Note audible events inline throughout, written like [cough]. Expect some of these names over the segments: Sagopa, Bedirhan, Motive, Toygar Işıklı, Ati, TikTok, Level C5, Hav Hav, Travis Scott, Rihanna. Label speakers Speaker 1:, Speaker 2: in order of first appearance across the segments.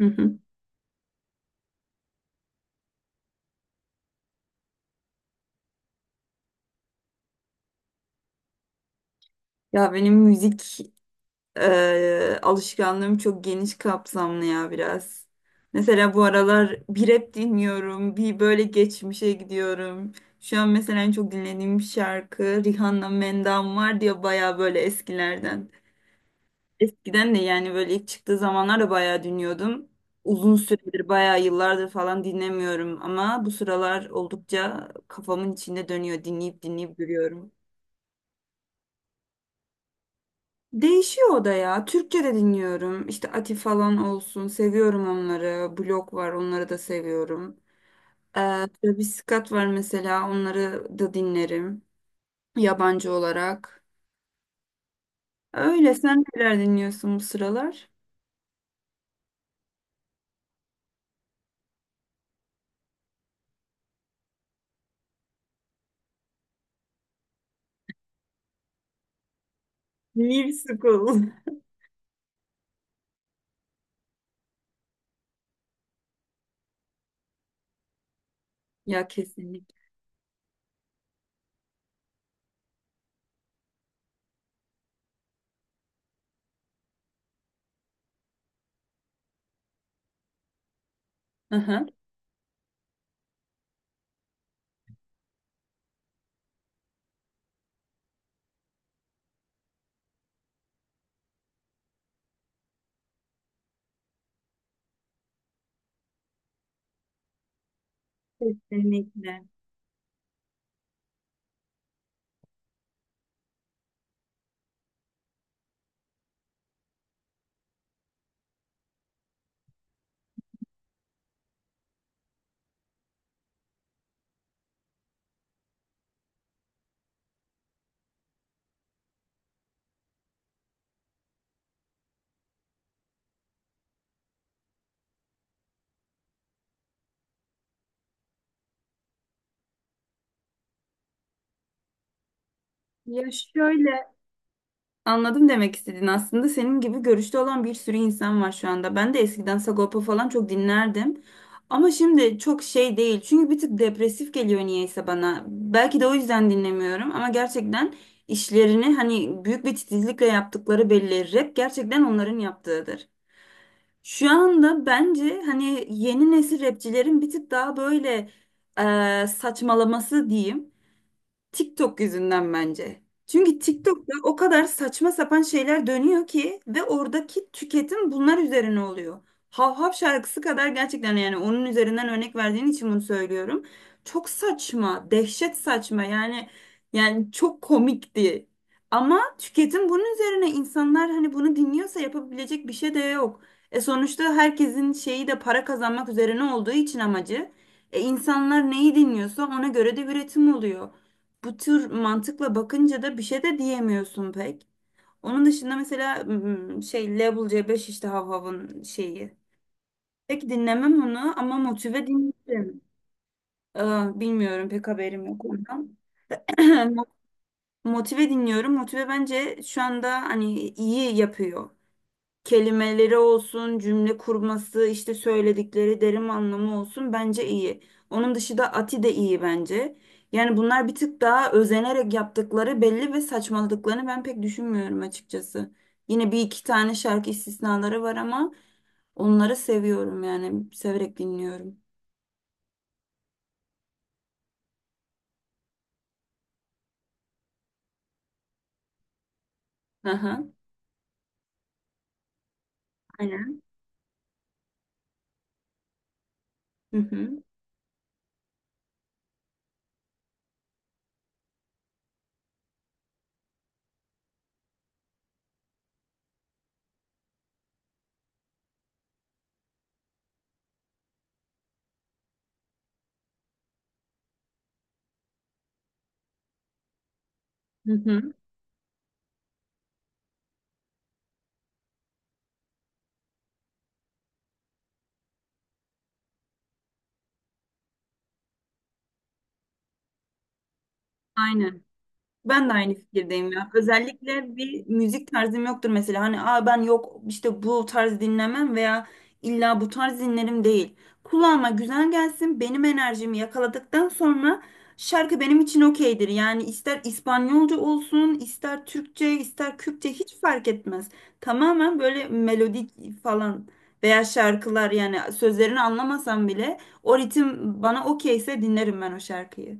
Speaker 1: Hı hı. Ya benim müzik alışkanlığım çok geniş kapsamlı ya biraz. Mesela bu aralar bir rap dinliyorum, bir böyle geçmişe gidiyorum. Şu an mesela en çok dinlediğim şarkı Rihanna Mendam var diye baya böyle eskilerden. Eskiden de yani böyle ilk çıktığı zamanlar da baya dinliyordum. Uzun süredir bayağı yıllardır falan dinlemiyorum ama bu sıralar oldukça kafamın içinde dönüyor. Dinleyip dinleyip duruyorum. Değişiyor o da ya. Türkçe de dinliyorum. İşte Ati falan olsun. Seviyorum onları. Blok var. Onları da seviyorum. Ee, Travis Scott var mesela. Onları da dinlerim. Yabancı olarak. Öyle. Sen neler dinliyorsun bu sıralar? New School. [laughs] Ya kesinlikle. Aha. Kesinlikle. Ya şöyle, anladım. Demek istediğin aslında senin gibi görüşte olan bir sürü insan var şu anda. Ben de eskiden Sagopa falan çok dinlerdim. Ama şimdi çok şey değil. Çünkü bir tık depresif geliyor niyeyse bana. Belki de o yüzden dinlemiyorum ama gerçekten işlerini hani büyük bir titizlikle yaptıkları belli. Rap gerçekten onların yaptığıdır. Şu anda bence hani yeni nesil rapçilerin bir tık daha böyle saçmalaması diyeyim. TikTok yüzünden bence. Çünkü TikTok'ta o kadar saçma sapan şeyler dönüyor ki ve oradaki tüketim bunlar üzerine oluyor. Hav Hav şarkısı kadar gerçekten, yani onun üzerinden örnek verdiğin için bunu söylüyorum. Çok saçma, dehşet saçma, yani çok komikti. Ama tüketim bunun üzerine, insanlar hani bunu dinliyorsa yapabilecek bir şey de yok. E sonuçta herkesin şeyi de para kazanmak üzerine olduğu için amacı. E insanlar neyi dinliyorsa ona göre de üretim oluyor, bu tür mantıkla bakınca da bir şey de diyemiyorsun pek. Onun dışında mesela şey, Level C5 işte Havhav'ın şeyi. Pek dinlemem onu ama Motive dinlerim. Aa, bilmiyorum, pek haberim yok ondan. [clears throat] Mo- Motive dinliyorum. Motive bence şu anda hani iyi yapıyor. Kelimeleri olsun, cümle kurması, işte söyledikleri derin anlamı olsun, bence iyi. Onun dışında Ati de iyi bence. Yani bunlar bir tık daha özenerek yaptıkları belli ve saçmaladıklarını ben pek düşünmüyorum açıkçası. Yine bir iki tane şarkı istisnaları var ama onları seviyorum, yani severek dinliyorum. Aha. Aynen. Hı hı. Hı hı. Aynen. Ben de aynı fikirdeyim ya. Özellikle bir müzik tarzım yoktur mesela. Hani, aa, ben yok işte bu tarz dinlemem veya illa bu tarz dinlerim değil. Kulağıma güzel gelsin. Benim enerjimi yakaladıktan sonra şarkı benim için okeydir. Yani ister İspanyolca olsun, ister Türkçe, ister Kürtçe, hiç fark etmez. Tamamen böyle melodi falan, veya şarkılar, yani sözlerini anlamasam bile o ritim bana okeyse dinlerim ben o şarkıyı.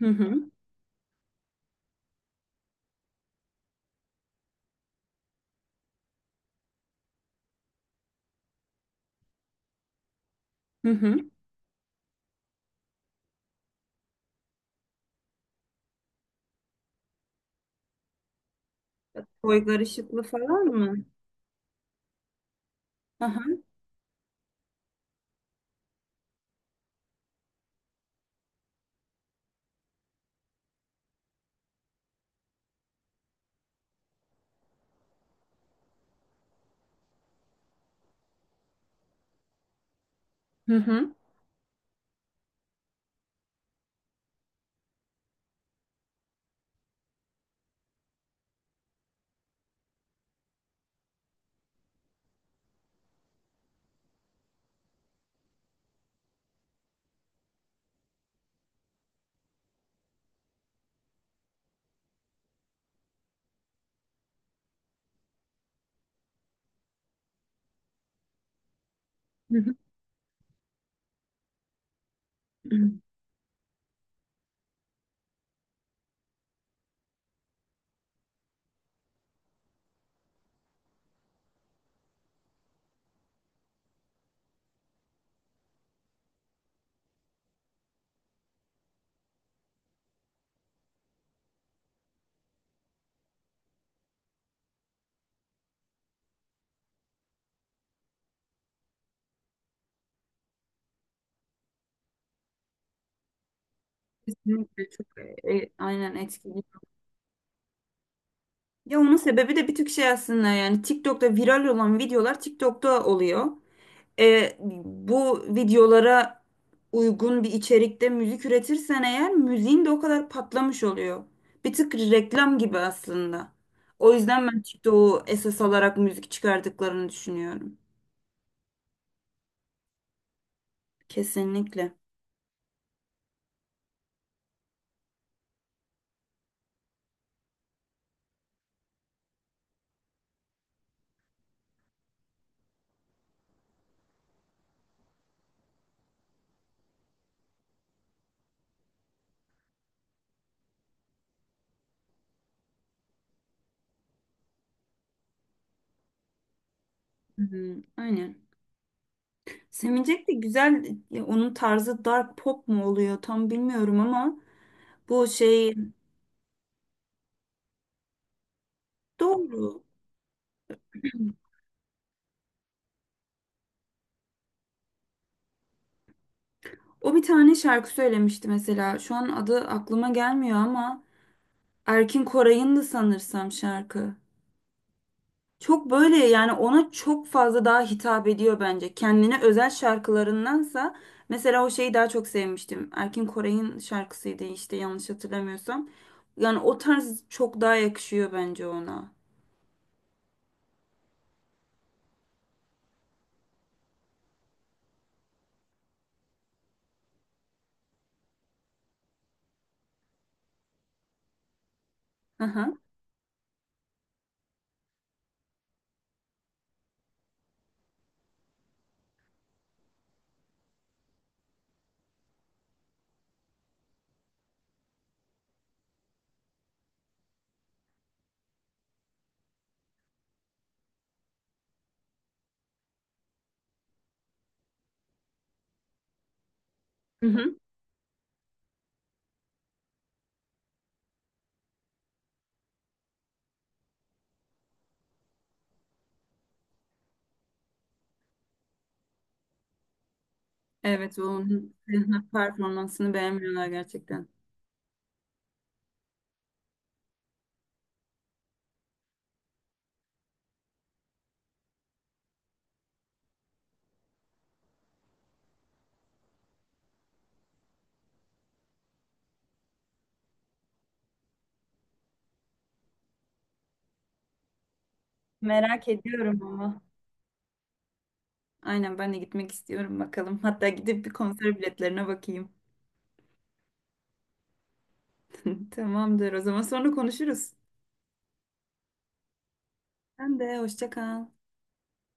Speaker 1: Hı hı. Hı hı. Toygar Işıklı falan mı? Aha. Hı hı. Hı hı. Kesinlikle çok aynen etkili. Ya onun sebebi de bir tık şey aslında, yani TikTok'ta viral olan videolar TikTok'ta oluyor. Bu videolara uygun bir içerikte müzik üretirsen eğer, müziğin de o kadar patlamış oluyor. Bir tık reklam gibi aslında. O yüzden ben TikTok'u esas alarak müzik çıkardıklarını düşünüyorum. Kesinlikle. Hı, hı, aynen. Sevinecek de güzel ya, onun tarzı dark pop mu oluyor tam bilmiyorum ama bu şey doğru. O bir tane şarkı söylemişti mesela. Şu an adı aklıma gelmiyor ama Erkin Koray'ın da sanırsam şarkı. Çok böyle, yani ona çok fazla daha hitap ediyor bence. Kendine özel şarkılarındansa mesela o şeyi daha çok sevmiştim. Erkin Koray'ın şarkısıydı işte, yanlış hatırlamıyorsam. Yani o tarz çok daha yakışıyor bence ona. Hı hı. Evet, onun senin performansını beğenmiyorlar gerçekten. Merak ediyorum ama. Aynen, ben de gitmek istiyorum bakalım. Hatta gidip bir konser biletlerine bakayım. [laughs] Tamamdır. O zaman sonra konuşuruz. Sen de hoşça kal.